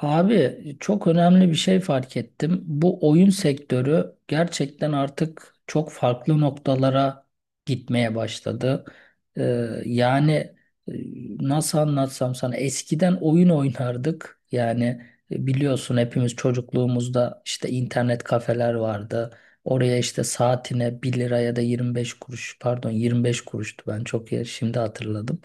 Abi çok önemli bir şey fark ettim. Bu oyun sektörü gerçekten artık çok farklı noktalara gitmeye başladı. Ee, yani e, nasıl anlatsam sana eskiden oyun oynardık. Yani biliyorsun hepimiz çocukluğumuzda işte internet kafeler vardı. Oraya işte saatine bir lira ya da 25 kuruş, pardon, 25 kuruştu, ben çok, ya, şimdi hatırladım.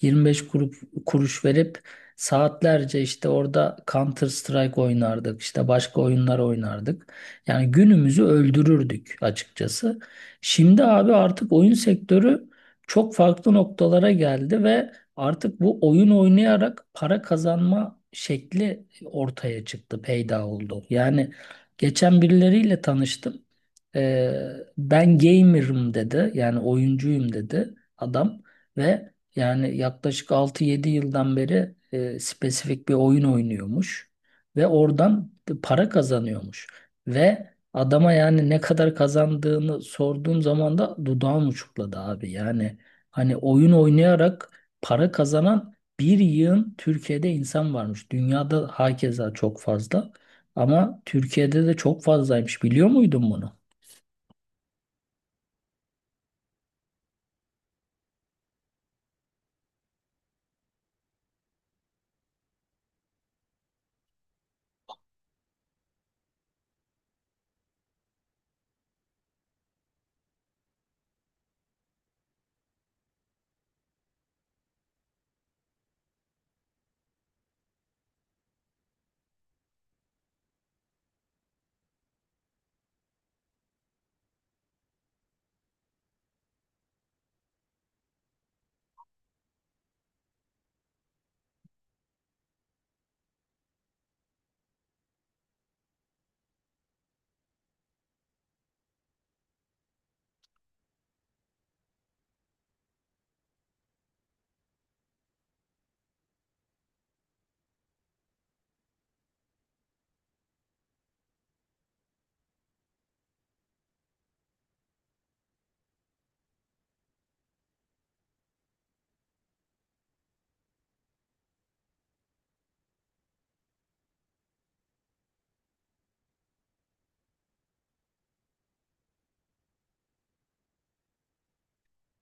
25 kuruş, kuruş verip saatlerce işte orada Counter Strike oynardık, işte başka oyunlar oynardık. Yani günümüzü öldürürdük açıkçası. Şimdi abi artık oyun sektörü çok farklı noktalara geldi ve artık bu oyun oynayarak para kazanma şekli ortaya çıktı, peyda oldu. Yani geçen birileriyle tanıştım. Ee, ben gamer'ım dedi, yani oyuncuyum dedi adam ve yani yaklaşık 6 7 yıldan beri spesifik bir oyun oynuyormuş ve oradan para kazanıyormuş. Ve adama, yani ne kadar kazandığını sorduğum zaman da dudağım uçukladı abi. Yani hani oyun oynayarak para kazanan bir yığın Türkiye'de insan varmış. Dünyada hakeza çok fazla, ama Türkiye'de de çok fazlaymış. Biliyor muydun bunu?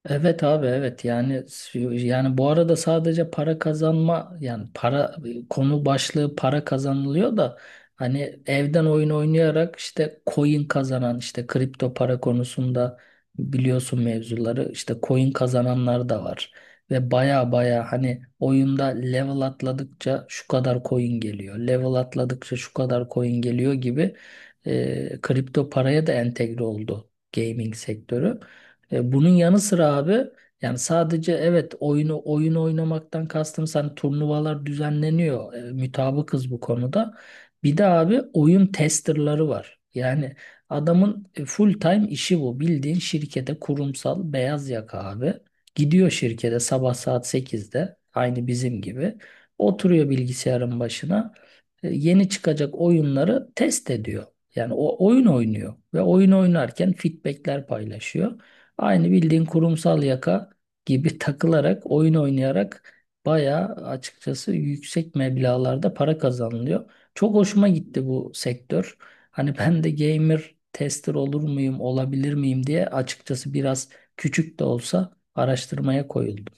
Evet abi, evet, yani bu arada sadece para kazanma, yani para konu başlığı, para kazanılıyor da hani evden oyun oynayarak işte coin kazanan, işte kripto para konusunda biliyorsun mevzuları, işte coin kazananlar da var ve baya baya hani oyunda level atladıkça şu kadar coin geliyor, level atladıkça şu kadar coin geliyor gibi, kripto paraya da entegre oldu gaming sektörü. Bunun yanı sıra abi, yani sadece evet oyunu oyun oynamaktan kastım, sen turnuvalar düzenleniyor. Mütabıkız bu konuda. Bir de abi oyun testerları var. Yani adamın full time işi bu. Bildiğin şirkete kurumsal beyaz yaka abi. Gidiyor şirkete sabah saat 8'de, aynı bizim gibi. Oturuyor bilgisayarın başına. Yeni çıkacak oyunları test ediyor. Yani o oyun oynuyor ve oyun oynarken feedbackler paylaşıyor. Aynı bildiğin kurumsal yaka gibi takılarak, oyun oynayarak bayağı açıkçası yüksek meblağlarda para kazanılıyor. Çok hoşuma gitti bu sektör. Hani ben de gamer tester olur muyum, olabilir miyim diye açıkçası biraz küçük de olsa araştırmaya koyuldum.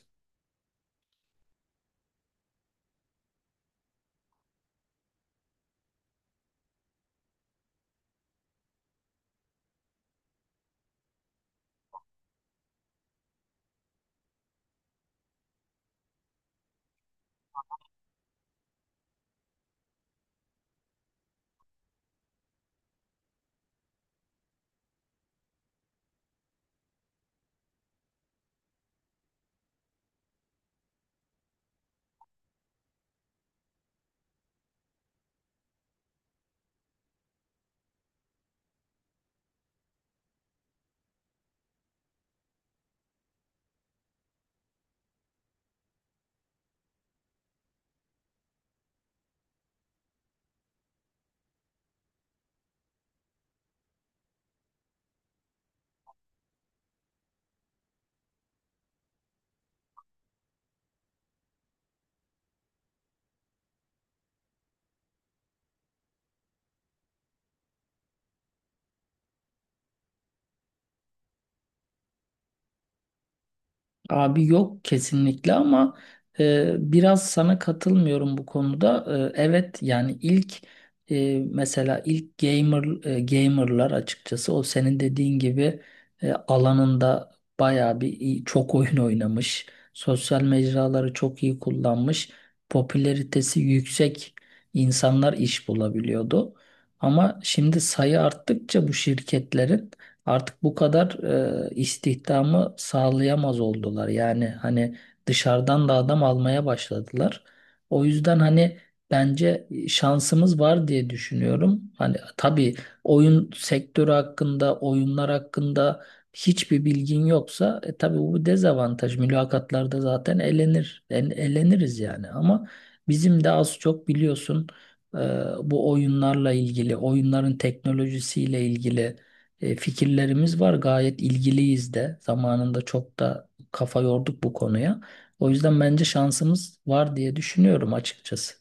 Abi yok kesinlikle, ama biraz sana katılmıyorum bu konuda. Evet, yani ilk mesela ilk gamer gamerlar açıkçası o senin dediğin gibi alanında bayağı bir çok oyun oynamış, sosyal mecraları çok iyi kullanmış, popülaritesi yüksek insanlar iş bulabiliyordu. Ama şimdi sayı arttıkça bu şirketlerin artık bu kadar istihdamı sağlayamaz oldular. Yani hani dışarıdan da adam almaya başladılar. O yüzden hani bence şansımız var diye düşünüyorum. Hani tabii oyun sektörü hakkında, oyunlar hakkında hiçbir bilgin yoksa tabii bu bir dezavantaj. Mülakatlarda zaten elenir, eleniriz yani. Ama bizim de az çok biliyorsun e, bu oyunlarla ilgili, oyunların teknolojisiyle ilgili fikirlerimiz var. Gayet ilgiliyiz de. Zamanında çok da kafa yorduk bu konuya. O yüzden bence şansımız var diye düşünüyorum açıkçası.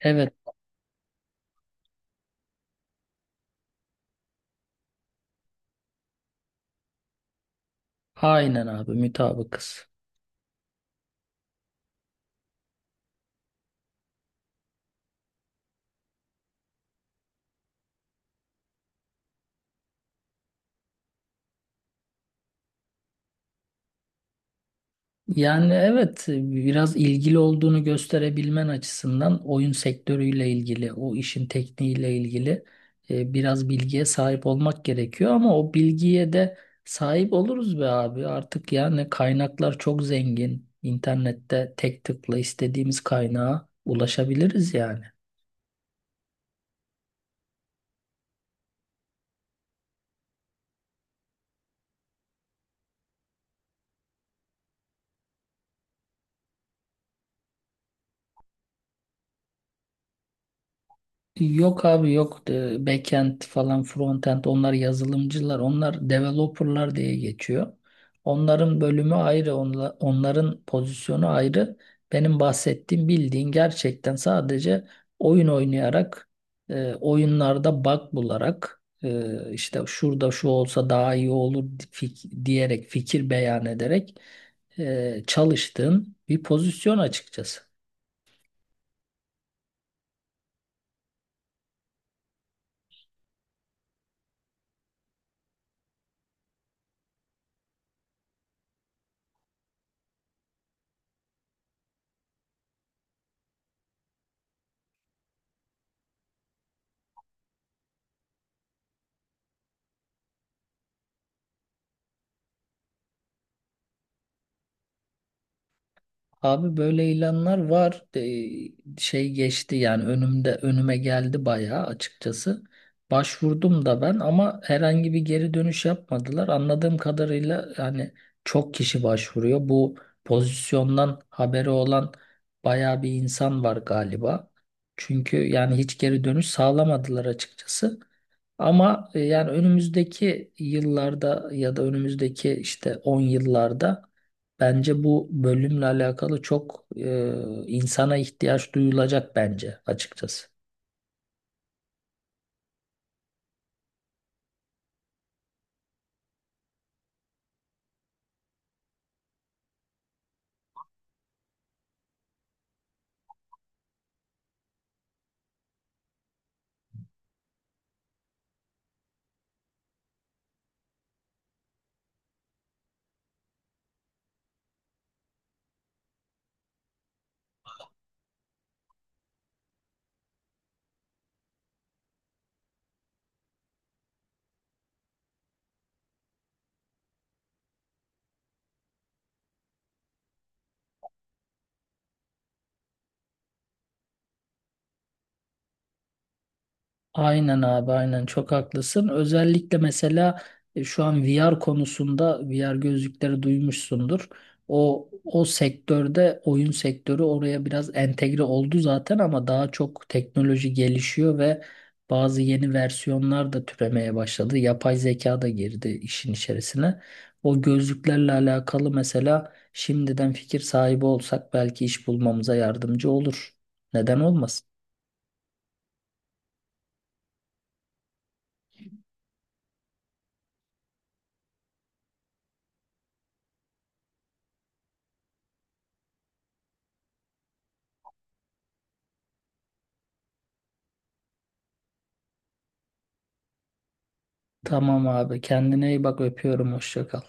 Evet, aynen abi, mutabıkız. Yani evet, biraz ilgili olduğunu gösterebilmen açısından oyun sektörüyle ilgili, o işin tekniğiyle ilgili biraz bilgiye sahip olmak gerekiyor, ama o bilgiye de sahip oluruz be abi. Artık yani kaynaklar çok zengin. İnternette tek tıkla istediğimiz kaynağa ulaşabiliriz yani. Yok abi, yok. Backend falan, frontend, onlar yazılımcılar, onlar developerlar diye geçiyor. Onların bölümü ayrı, onların pozisyonu ayrı. Benim bahsettiğim bildiğin gerçekten sadece oyun oynayarak oyunlarda bug bularak, işte şurada şu olsa daha iyi olur diyerek, fikir beyan ederek çalıştığın bir pozisyon açıkçası. Abi böyle ilanlar var. Şey geçti, yani önümde, önüme geldi bayağı açıkçası. Başvurdum da ben, ama herhangi bir geri dönüş yapmadılar. Anladığım kadarıyla yani çok kişi başvuruyor. Bu pozisyondan haberi olan bayağı bir insan var galiba. Çünkü yani hiç geri dönüş sağlamadılar açıkçası. Ama yani önümüzdeki yıllarda ya da önümüzdeki işte 10 yıllarda bence bu bölümle alakalı çok insana ihtiyaç duyulacak bence açıkçası. Aynen abi, aynen, çok haklısın. Özellikle mesela şu an VR konusunda VR gözlükleri duymuşsundur. O sektörde oyun sektörü oraya biraz entegre oldu zaten, ama daha çok teknoloji gelişiyor ve bazı yeni versiyonlar da türemeye başladı. Yapay zeka da girdi işin içerisine. O gözlüklerle alakalı mesela şimdiden fikir sahibi olsak belki iş bulmamıza yardımcı olur. Neden olmasın? Tamam abi, kendine iyi bak, öpüyorum, hoşça kal.